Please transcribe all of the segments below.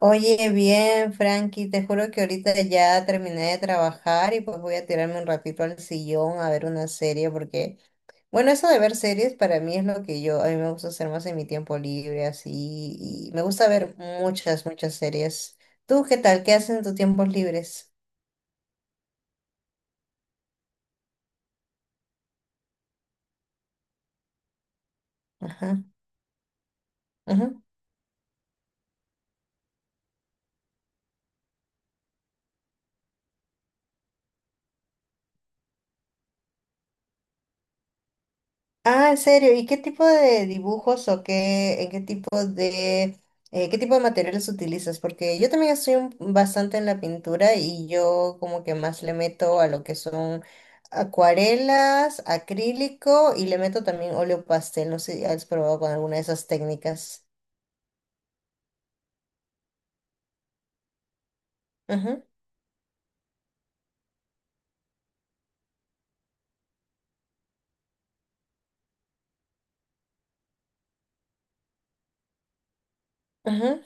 Oye, bien, Frankie, te juro que ahorita ya terminé de trabajar y pues voy a tirarme un ratito al sillón a ver una serie porque, bueno, eso de ver series para mí es lo que a mí me gusta hacer más en mi tiempo libre, así, y me gusta ver muchas, muchas series. ¿Tú qué tal? ¿Qué haces en tus tiempos libres? Ajá, ujú. Ah, ¿en serio? ¿Y qué tipo de dibujos o qué, en qué tipo de materiales utilizas? Porque yo también estoy bastante en la pintura y yo como que más le meto a lo que son acuarelas, acrílico y le meto también óleo pastel. No sé si has probado con alguna de esas técnicas. Ujú, ujú.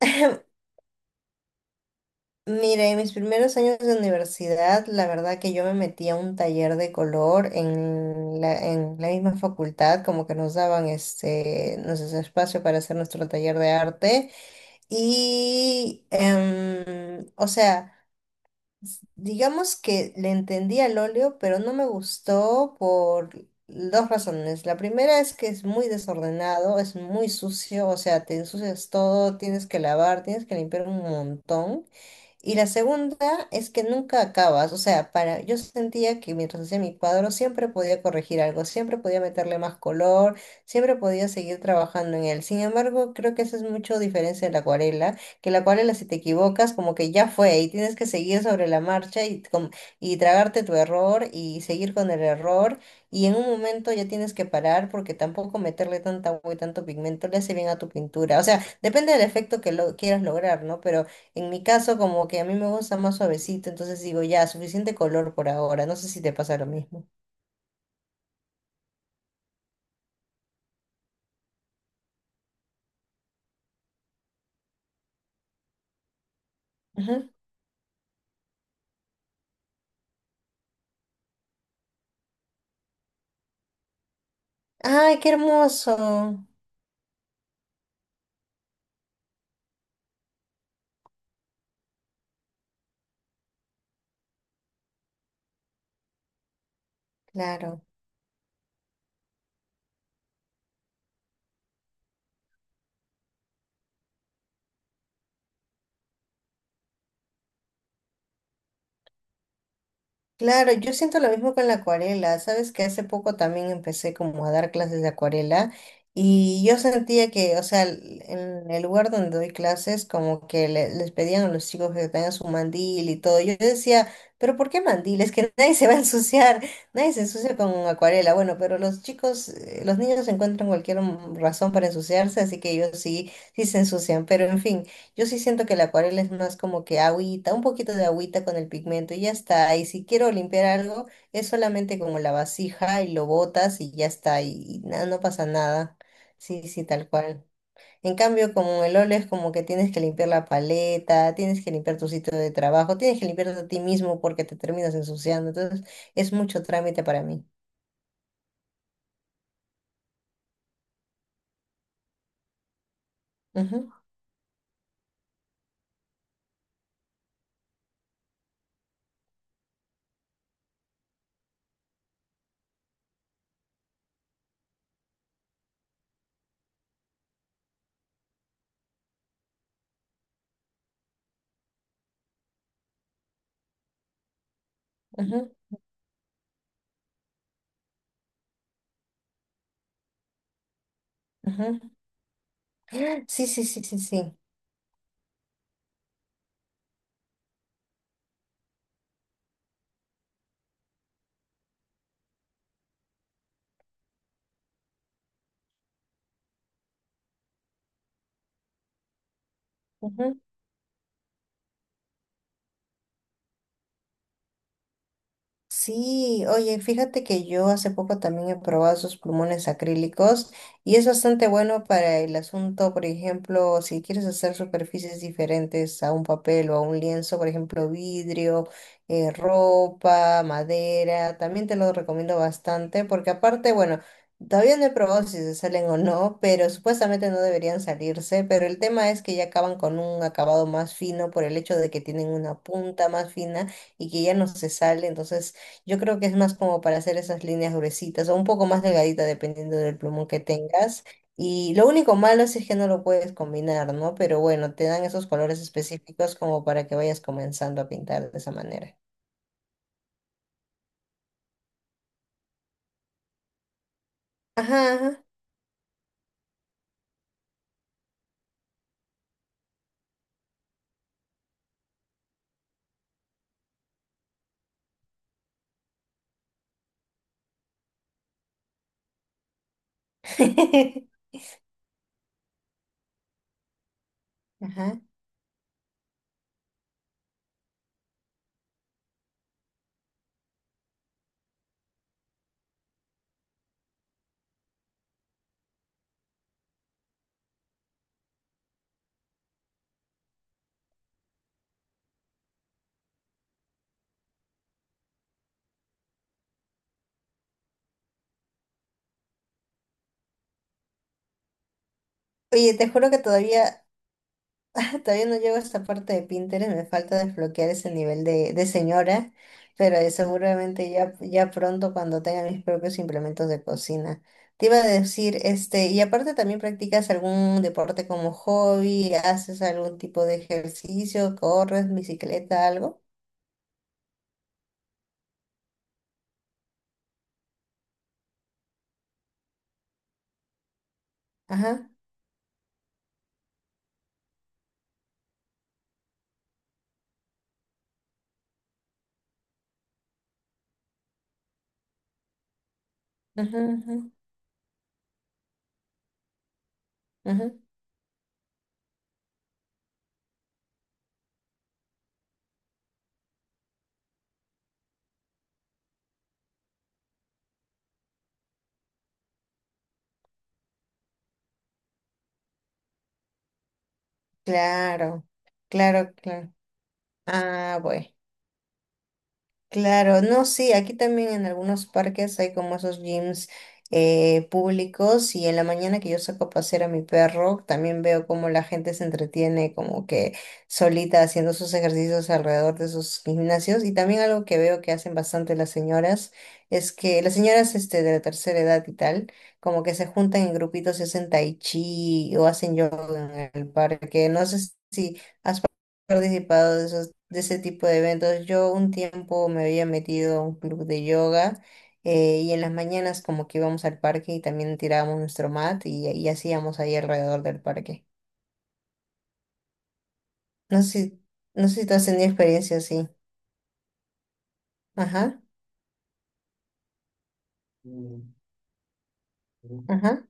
Mira, en mis primeros años de universidad, la verdad que yo me metí a un taller de color en la misma facultad, como que nos daban este, nuestro espacio para hacer nuestro taller de arte. Y, o sea, digamos que le entendí al óleo, pero no me gustó por dos razones. La primera es que es muy desordenado, es muy sucio, o sea, te ensucias todo, tienes que lavar, tienes que limpiar un montón. Y la segunda es que nunca acabas, o sea, para, yo sentía que mientras hacía mi cuadro siempre podía corregir algo, siempre podía meterle más color, siempre podía seguir trabajando en él. Sin embargo, creo que esa es mucho diferencia de la acuarela, que la acuarela si te equivocas como que ya fue y tienes que seguir sobre la marcha y y tragarte tu error y seguir con el error y en un momento ya tienes que parar porque tampoco meterle tanta agua y tanto pigmento le hace bien a tu pintura. O sea, depende del efecto que lo quieras lograr, ¿no? Pero en mi caso, como que a mí me gusta más suavecito, entonces digo, ya, suficiente color por ahora. No sé si te pasa lo mismo. Ujú. ¡Ay, qué hermoso! Claro. Claro, yo siento lo mismo con la acuarela. Sabes que hace poco también empecé como a dar clases de acuarela y yo sentía que, o sea, en el lugar donde doy clases, como que les pedían a los chicos que tengan su mandil y todo. Yo decía, pero ¿por qué mandil? Es que nadie se va a ensuciar, nadie se ensucia con acuarela. Bueno, pero los chicos, los niños encuentran cualquier razón para ensuciarse, así que ellos sí, sí se ensucian. Pero en fin. Yo sí siento que la acuarela es más como que agüita, un poquito de agüita con el pigmento y ya está. Y si quiero limpiar algo, es solamente como la vasija y lo botas y ya está. Y, nada, no pasa nada. Sí, sí, tal cual. En cambio, como el óleo es como que tienes que limpiar la paleta, tienes que limpiar tu sitio de trabajo, tienes que limpiarte a ti mismo porque te terminas ensuciando. Entonces, es mucho trámite para mí. Ujú, ujú, ujú. Sí, sí, sí, sí, sí. Sí, oye, fíjate que yo hace poco también he probado esos plumones acrílicos y es bastante bueno para el asunto, por ejemplo, si quieres hacer superficies diferentes a un papel o a un lienzo, por ejemplo, vidrio, ropa, madera, también te lo recomiendo bastante porque aparte, bueno, todavía no he probado si se salen o no, pero supuestamente no deberían salirse, pero el tema es que ya acaban con un acabado más fino por el hecho de que tienen una punta más fina y que ya no se sale, entonces yo creo que es más como para hacer esas líneas gruesitas o un poco más delgadita dependiendo del plumón que tengas. Y lo único malo es que no lo puedes combinar, ¿no? Pero bueno, te dan esos colores específicos como para que vayas comenzando a pintar de esa manera. Ajá, ajá. Ajá. Oye, te juro que todavía todavía no llego a esta parte de Pinterest, me falta desbloquear ese nivel de señora, pero seguramente ya, ya pronto cuando tenga mis propios implementos de cocina. Te iba a decir, este, y aparte también practicas algún deporte como hobby, haces algún tipo de ejercicio, corres, bicicleta, algo. Ajá, ajá, ajá, ajá. Claro, claro, claro. Ah, bueno. Claro, no, sí, aquí también en algunos parques hay como esos gyms públicos y en la mañana que yo saco a pasear a mi perro, también veo cómo la gente se entretiene como que solita haciendo sus ejercicios alrededor de sus gimnasios y también algo que veo que hacen bastante las señoras es que las señoras este, de la tercera edad y tal, como que se juntan en grupitos y hacen tai chi o hacen yoga en el parque, no sé si participado de esos, de ese tipo de eventos. Yo un tiempo me había metido a un club de yoga y en las mañanas como que íbamos al parque y también tirábamos nuestro mat y hacíamos ahí alrededor del parque. No sé, si- no sé si tú has tenido experiencia así. Ajá, ajá,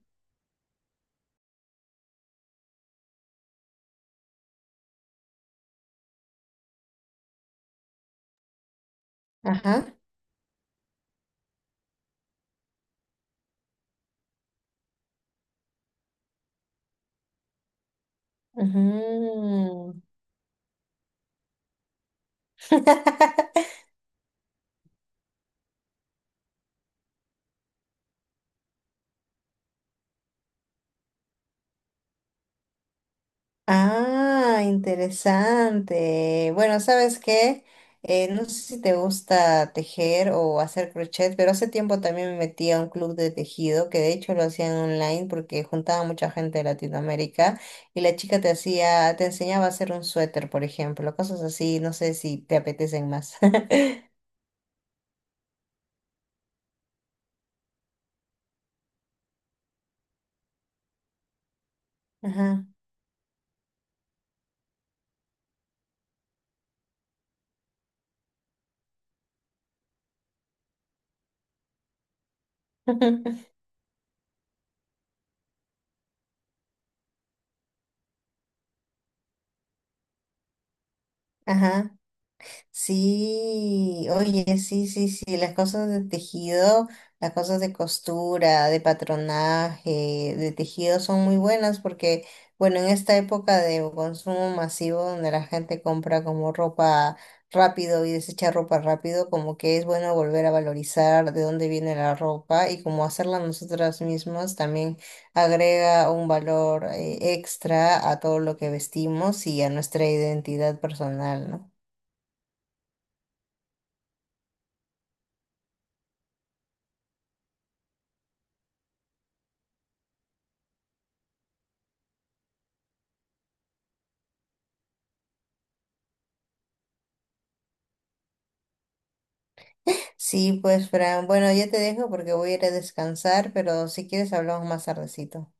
ajá. Ujú. Ah, interesante. Bueno, ¿sabes qué? No sé si te gusta tejer o hacer crochet, pero hace tiempo también me metí a un club de tejido, que de hecho lo hacían online porque juntaba mucha gente de Latinoamérica y la chica te hacía, te enseñaba a hacer un suéter, por ejemplo, cosas así, no sé si te apetecen más. Ajá. Ajá. Sí, oye, sí, sí, sí, las cosas de tejido, las cosas de costura, de patronaje, de tejido son muy buenas porque, bueno, en esta época de consumo masivo donde la gente compra como ropa rápido y desecha ropa rápido, como que es bueno volver a valorizar de dónde viene la ropa y como hacerla nosotras mismas también agrega un valor extra a todo lo que vestimos y a nuestra identidad personal, ¿no? Sí, pues, Fran. Bueno, ya te dejo porque voy a ir a descansar, pero si quieres hablamos más tardecito.